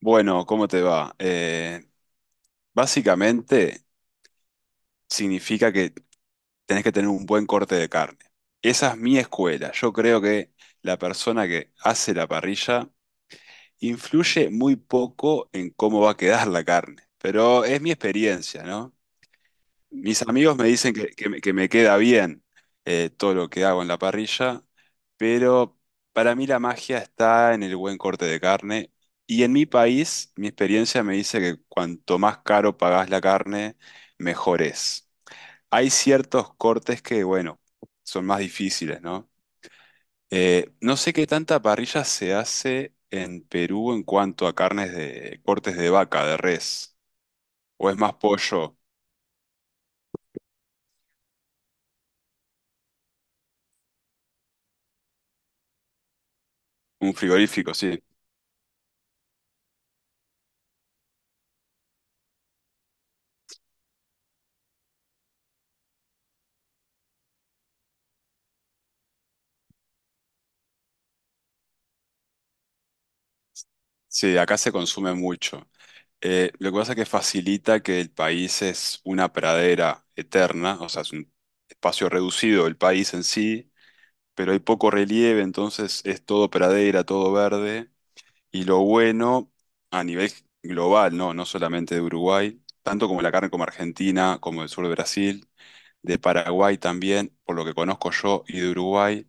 Bueno, ¿cómo te va? Básicamente significa que tenés que tener un buen corte de carne. Esa es mi escuela. Yo creo que la persona que hace la parrilla influye muy poco en cómo va a quedar la carne, pero es mi experiencia, ¿no? Mis amigos me dicen que me queda bien, todo lo que hago en la parrilla, pero para mí la magia está en el buen corte de carne. Y en mi país, mi experiencia me dice que cuanto más caro pagás la carne, mejor es. Hay ciertos cortes que, bueno, son más difíciles, ¿no? No sé qué tanta parrilla se hace en Perú en cuanto a carnes de cortes de vaca, de res, o es más pollo, un frigorífico, sí. Sí, acá se consume mucho. Lo que pasa es que facilita que el país es una pradera eterna, o sea, es un espacio reducido el país en sí, pero hay poco relieve, entonces es todo pradera, todo verde. Y lo bueno a nivel global, ¿no? No solamente de Uruguay, tanto como la carne como Argentina, como el sur de Brasil de Paraguay también, por lo que conozco yo, y de Uruguay,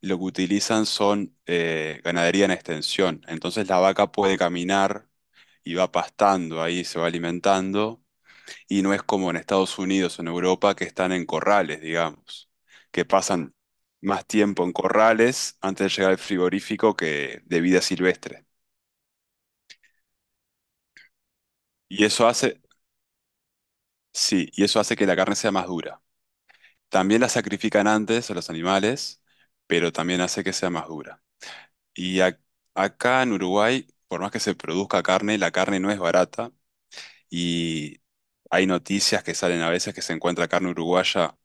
lo que utilizan son ganadería en extensión. Entonces la vaca puede caminar y va pastando ahí, se va alimentando, y no es como en Estados Unidos o en Europa que están en corrales, digamos, que pasan más tiempo en corrales antes de llegar al frigorífico que de vida silvestre. Y eso hace, sí, y eso hace que la carne sea más dura. También la sacrifican antes a los animales, pero también hace que sea más dura. Y ac- Acá en Uruguay, por más que se produzca carne, la carne no es barata y hay noticias que salen a veces que se encuentra carne uruguaya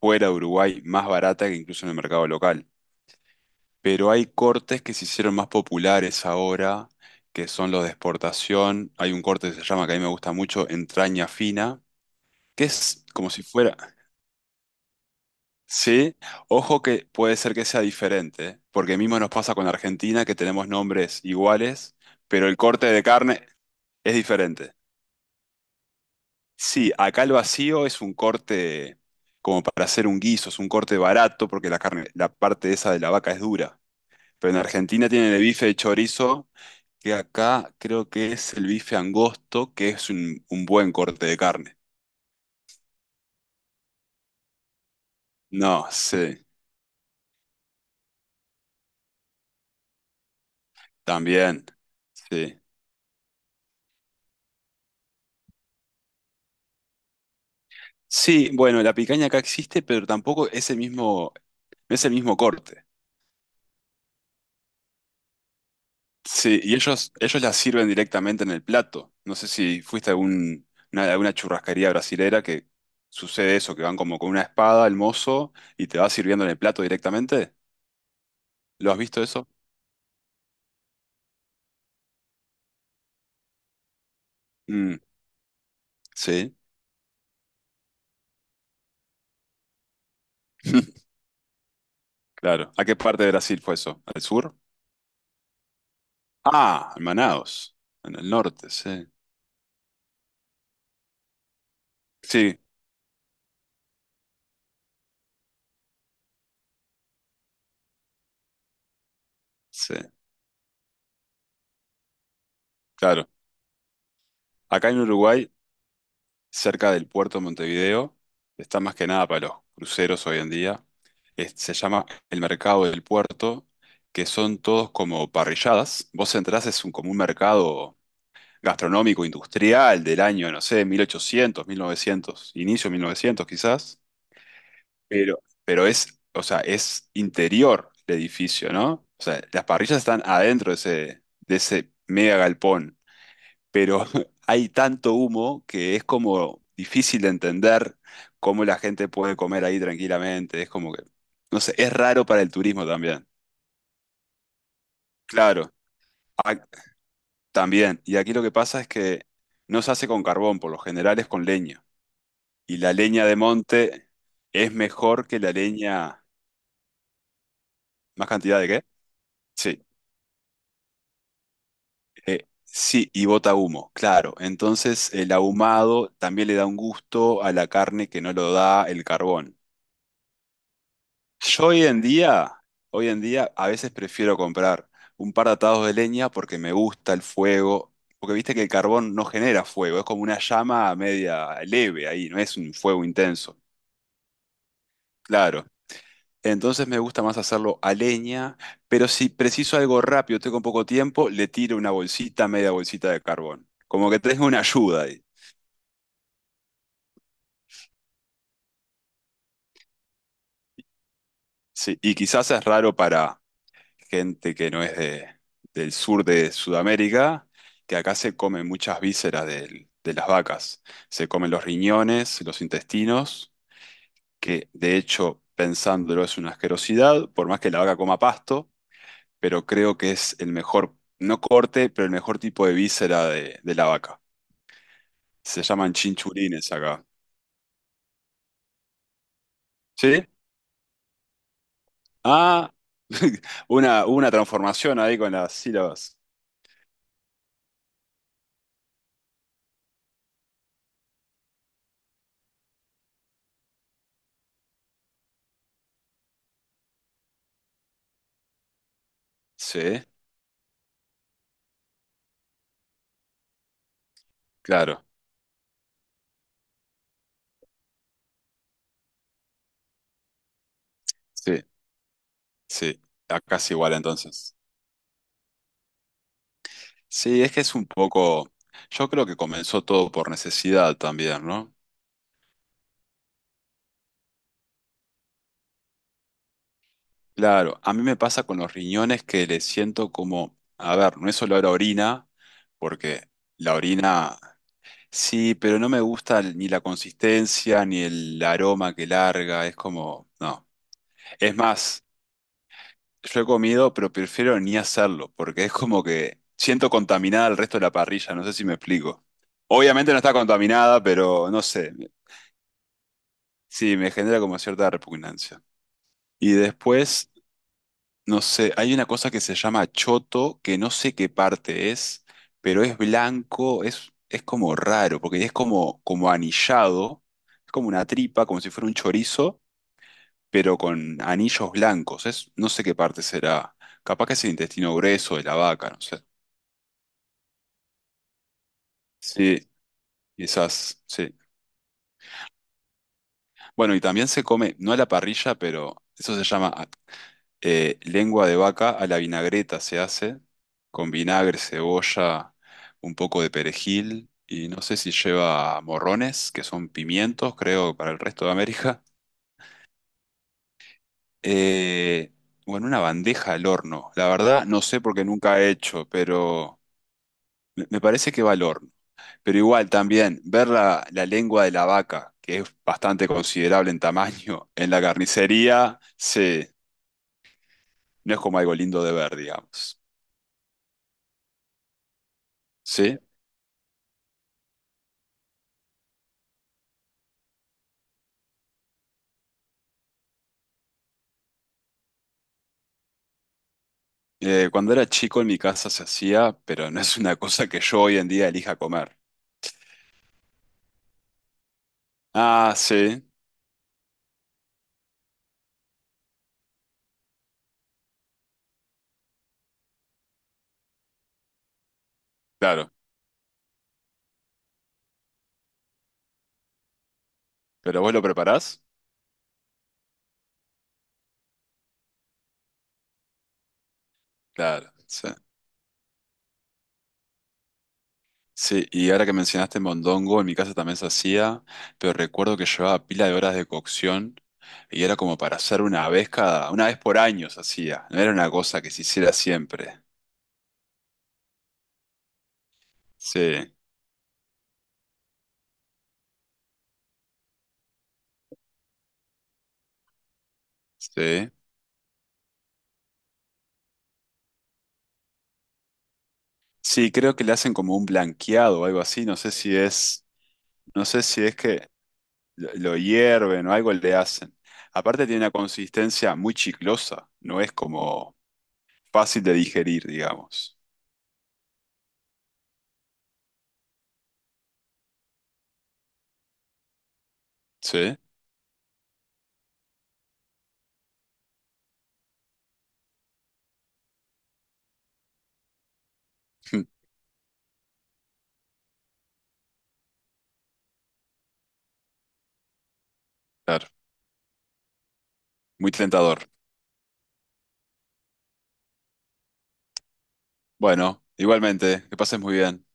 fuera de Uruguay más barata que incluso en el mercado local. Pero hay cortes que se hicieron más populares ahora, que son los de exportación. Hay un corte que se llama, que a mí me gusta mucho, entraña fina, que es como si fuera... Sí, ojo que puede ser que sea diferente, porque mismo nos pasa con Argentina, que tenemos nombres iguales pero el corte de carne, es diferente. Sí, acá el vacío es un corte como para hacer un guiso, es un corte barato porque la carne, la parte esa de la vaca es dura. Pero en Argentina tienen el bife de chorizo, que acá creo que es el bife angosto, que es un buen corte de carne. No, sí, también, sí. Sí, bueno, la picaña acá existe, pero tampoco es el mismo, no es el mismo corte. Sí, y ellos las sirven directamente en el plato. No sé si fuiste a algún, alguna churrascaría brasilera que sucede eso, que van como con una espada el mozo y te va sirviendo en el plato directamente. ¿Lo has visto eso? Mm, sí, claro. ¿A qué parte de Brasil fue eso? ¿Al sur? Ah, en Manaos, en el norte, sí. Sí, sí, claro. Acá en Uruguay cerca del puerto de Montevideo. Está más que nada para los cruceros hoy en día. Se llama el mercado del puerto, que son todos como parrilladas. Vos entrás, es un, como un mercado gastronómico industrial del año, no sé, 1800 1900, inicio 1900 quizás. Pero, pero es, o sea, es interior el edificio, ¿no? O sea, las parrillas están adentro de ese mega galpón, pero hay tanto humo que es como difícil de entender cómo la gente puede comer ahí tranquilamente. Es como que, no sé, es raro para el turismo también. Claro, ac- también. Y aquí lo que pasa es que no se hace con carbón, por lo general es con leña. Y la leña de monte es mejor que la leña... ¿Más cantidad de qué? Sí. Sí, y bota humo, claro. Entonces el ahumado también le da un gusto a la carne que no lo da el carbón. Yo hoy en día a veces prefiero comprar un par de atados de leña porque me gusta el fuego, porque viste que el carbón no genera fuego, es como una llama media leve ahí, no es un fuego intenso, claro. Entonces me gusta más hacerlo a leña, pero si preciso algo rápido, tengo poco tiempo, le tiro una bolsita, media bolsita de carbón. Como que tengo una ayuda ahí. Sí, y quizás es raro para gente que no es de, del sur de Sudamérica, que acá se comen muchas vísceras de las vacas. Se comen los riñones, los intestinos, que de hecho, pensándolo, es una asquerosidad, por más que la vaca coma pasto, pero creo que es el mejor, no corte, pero el mejor tipo de víscera de la vaca. Se llaman chinchulines acá. ¿Sí? Ah, una transformación ahí con las sílabas. Sí, claro, sí, sí. Acá es igual entonces. Sí, es que es un poco, yo creo que comenzó todo por necesidad también, ¿no? Claro, a mí me pasa con los riñones que le siento como, a ver, no es solo la orina, porque la orina, sí, pero no me gusta ni la consistencia ni el aroma que larga, es como, no. Es más, yo he comido, pero prefiero ni hacerlo, porque es como que siento contaminada el resto de la parrilla, no sé si me explico. Obviamente no está contaminada, pero no sé, sí, me genera como cierta repugnancia. Y después, no sé, hay una cosa que se llama choto, que no sé qué parte es, pero es blanco, es como raro, porque es como, como anillado, es como una tripa, como si fuera un chorizo, pero con anillos blancos. Es, no sé qué parte será. Capaz que es el intestino grueso de la vaca, no sé. Sí, quizás, sí. Bueno, y también se come, no a la parrilla, pero eso se llama lengua de vaca a la vinagreta, se hace con vinagre, cebolla, un poco de perejil, y no sé si lleva morrones, que son pimientos, creo, para el resto de América. Eh, bueno, una bandeja al horno. La verdad, no sé porque nunca he hecho, pero me parece que va al horno. Pero igual también, ver la, la lengua de la vaca, que es bastante considerable en tamaño, en la carnicería, sí. No es como algo lindo de ver, digamos. ¿Sí? Cuando era chico en mi casa se hacía, pero no es una cosa que yo hoy en día elija comer. Ah, sí, claro. ¿Pero vos lo preparás? Claro, sí. Sí, y ahora que mencionaste mondongo, en mi casa también se hacía, pero recuerdo que llevaba pila de horas de cocción y era como para hacer una vez cada, una vez por año se hacía, no era una cosa que se hiciera siempre. Sí, sí. Sí, creo que le hacen como un blanqueado o algo así, no sé si es que lo hierven o algo le hacen. Aparte tiene una consistencia muy chiclosa, no es como fácil de digerir, digamos. Sí, claro, muy tentador. Bueno, igualmente, que pases muy bien.